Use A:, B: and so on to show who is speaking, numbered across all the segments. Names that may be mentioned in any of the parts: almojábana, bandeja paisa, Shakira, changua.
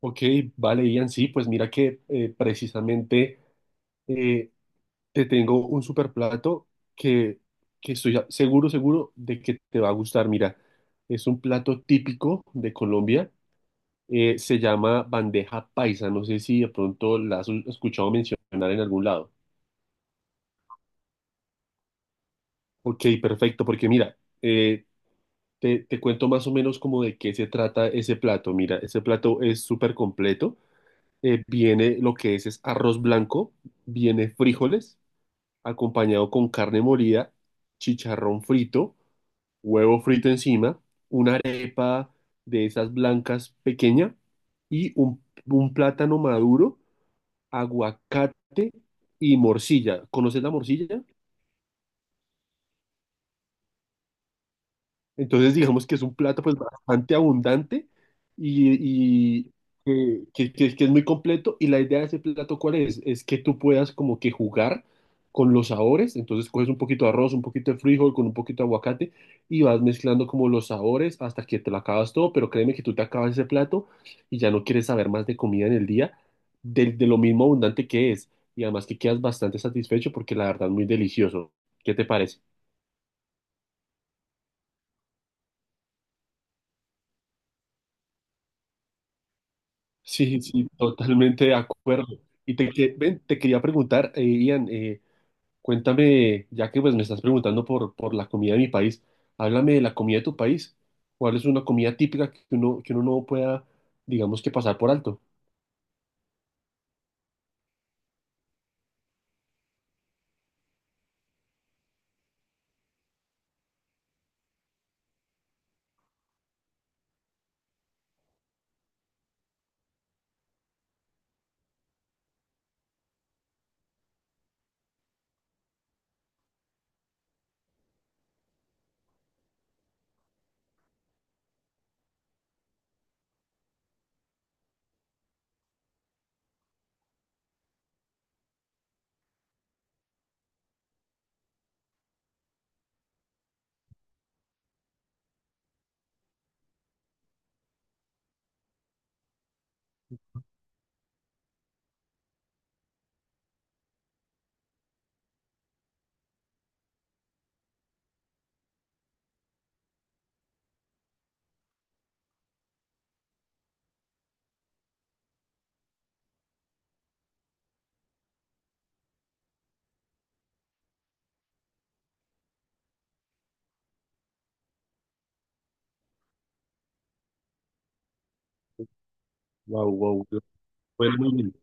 A: Ok, vale, Ian, sí, pues mira que precisamente eh, te tengo un super plato que, que seguro, seguro de que te va a gustar. Mira, es un plato típico de Colombia, se llama bandeja paisa, no sé si de pronto la has escuchado mencionar en algún lado. Ok, perfecto, porque mira, eh, te cuento más o menos como de qué se trata ese plato. Mira, ese plato es súper completo, viene es arroz blanco, viene frijoles acompañado con carne molida, chicharrón frito, huevo frito encima, una arepa de esas blancas pequeña y un plátano maduro, aguacate y morcilla. ¿Conoces la morcilla? Entonces, digamos que es un plato pues bastante abundante y que es muy completo. Y la idea de ese plato, ¿cuál es? Es que tú puedas como que jugar con los sabores. Entonces, coges un poquito de arroz, un poquito de frijol, con un poquito de aguacate y vas mezclando como los sabores hasta que te lo acabas todo. Pero créeme que tú te acabas ese plato y ya no quieres saber más de comida en el día, de lo mismo abundante que es. Y además que quedas bastante satisfecho porque la verdad es muy delicioso. ¿Qué te parece? Sí, sí, totalmente de acuerdo. Y ven, te quería preguntar, Ian, cuéntame, ya que pues, me estás preguntando por la comida de mi país, háblame de la comida de tu país. ¿Cuál es una comida típica que uno no pueda, digamos que pasar por alto? Wow, wow, bueno, muy bien.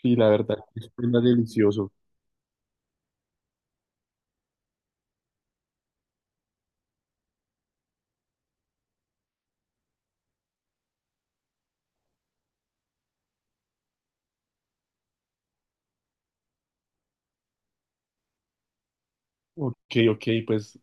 A: Sí, la verdad, es delicioso. Ok, ok, pues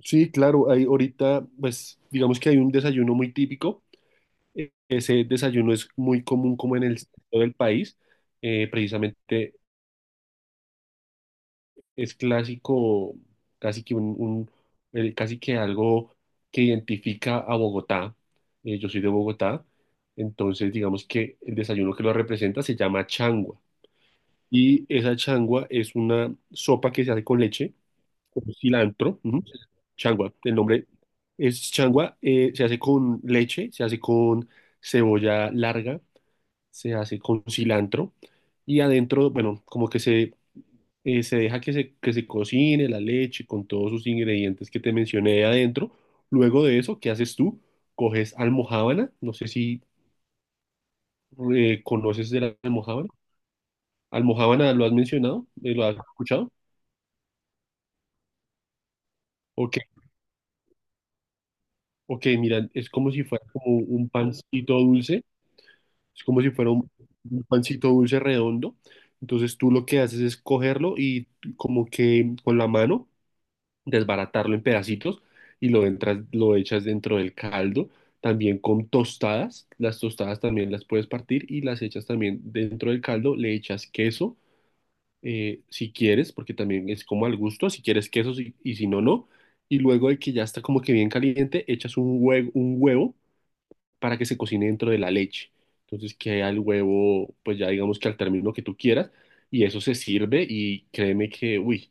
A: sí, claro, hay ahorita, pues digamos que hay un desayuno muy típico. Ese desayuno es muy común como en el centro del país. Precisamente es clásico, casi que un- el- casi que algo que identifica a Bogotá. Yo soy de Bogotá, entonces digamos que el desayuno que lo representa se llama changua. Y esa changua es una sopa que se hace con leche, con cilantro, ujú. Changua, el nombre es changua, se hace con leche, se hace con cebolla larga, se hace con cilantro y adentro, bueno, como que se se deja que se cocine la leche con todos sus ingredientes que te mencioné ahí adentro. Luego de eso, ¿qué haces tú? Coges almojábana, no sé si conoces de la almojábana. ¿Almojábana lo has mencionado? ¿Lo has escuchado? Ok, ok, mira, es como si fuera como un pancito dulce, es como si fuera un pancito dulce redondo. Entonces tú lo que haces es cogerlo y como que con la mano desbaratarlo en pedacitos y lo echas dentro del caldo, también con tostadas, las tostadas también las puedes partir y las echas también dentro del caldo, le echas queso si quieres, porque también es como al gusto, si quieres queso y si no, no, y luego de que ya está como que bien caliente, echas un huevo para que se cocine dentro de la leche. Entonces queda el huevo, pues ya digamos que al término que tú quieras, y eso se sirve y créeme que, uy,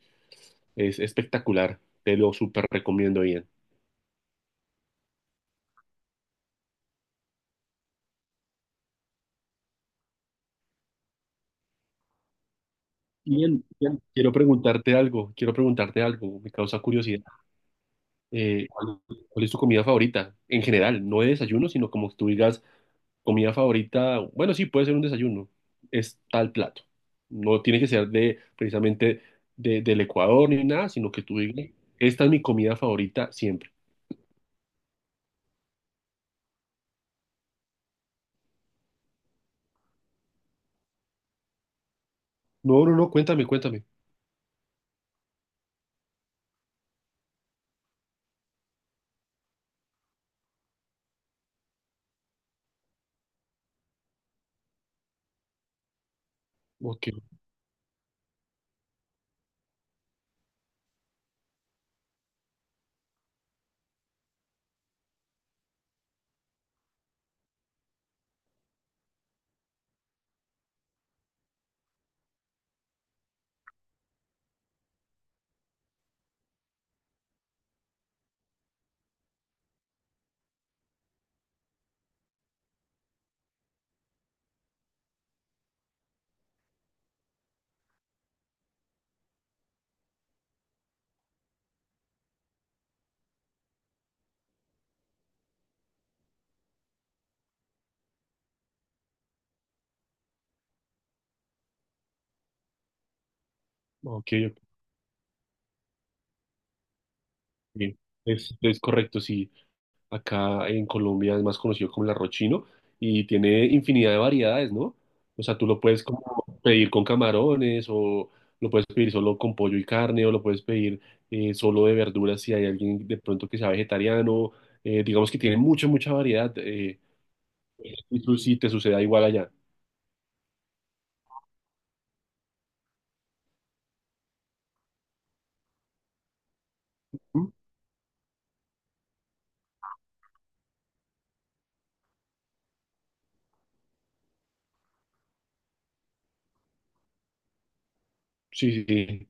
A: es espectacular, te lo súper recomiendo bien. Bien, bien. Quiero preguntarte algo, me causa curiosidad. Eh, ¿cuál, cuál es tu comida favorita? En general, no de desayuno, sino como que tú digas comida favorita, bueno, sí, puede ser un desayuno, es tal plato. No tiene que ser de precisamente del Ecuador ni nada, sino que tú digas, esta es mi comida favorita siempre. No, no, no, cuéntame, cuéntame. Ok, ok, ok. Es correcto, sí. Acá en Colombia es más conocido como el arroz chino y tiene infinidad de variedades, ¿no? O sea, tú lo puedes como pedir con camarones o lo puedes pedir solo con pollo y carne o lo puedes pedir solo de verduras si hay alguien de pronto que sea vegetariano. Digamos que tiene mucha, mucha variedad si te suceda igual allá. ¿Mm? Sí, sí. sí.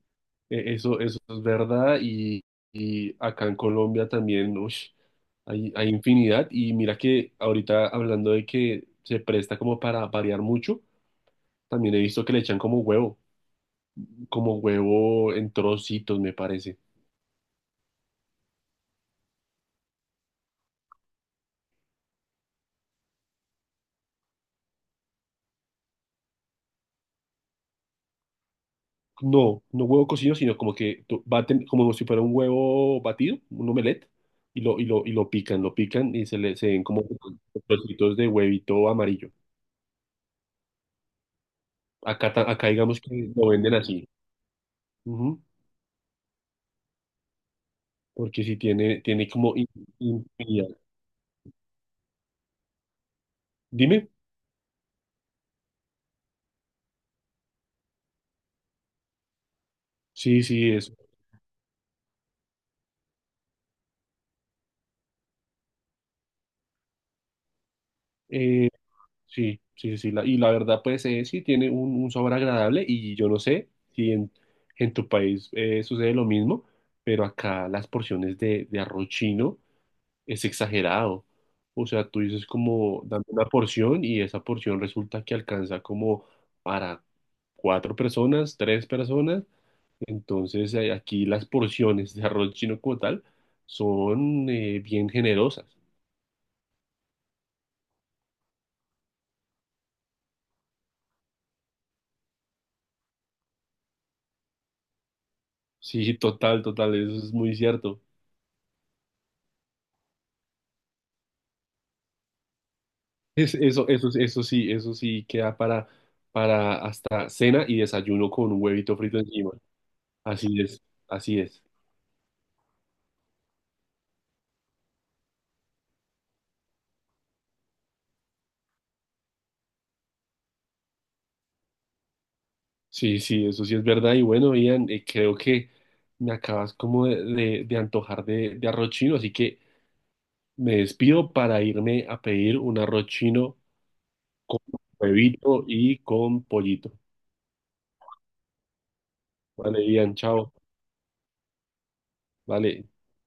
A: Eso, eso es verdad y acá en Colombia también ush, hay infinidad y mira que ahorita hablando de que se presta como para variar mucho, también he visto que le echan como huevo en trocitos me parece. No, no huevo cocido, sino como que tú baten, como si fuera un huevo batido, un omelette, y lo pican y se ven como trocitos de huevito amarillo. Acá, acá digamos que lo venden así. Ujú. Porque si tiene, tiene como infinidad. Dime, sí, sí, eso. Eh, sí, sí, sí, y la verdad, pues sí, tiene un sabor agradable y yo no sé si en, en tu país sucede lo mismo, pero acá las porciones de arroz chino es exagerado. O sea, tú dices como dame una porción y esa porción resulta que alcanza como para cuatro personas, tres personas. Entonces, aquí las porciones de arroz chino como tal son bien generosas. Sí, total, total, eso es muy cierto. Es, eso, eso sí queda para hasta cena y desayuno con un huevito frito encima. Así es, así es. Sí, sí, eso sí es verdad. Y bueno, Ian, creo que me acabas como de antojar de arroz chino, así que me despido para irme a pedir un arroz chino con huevito y con pollito. Vale, Ian, chao. Vale,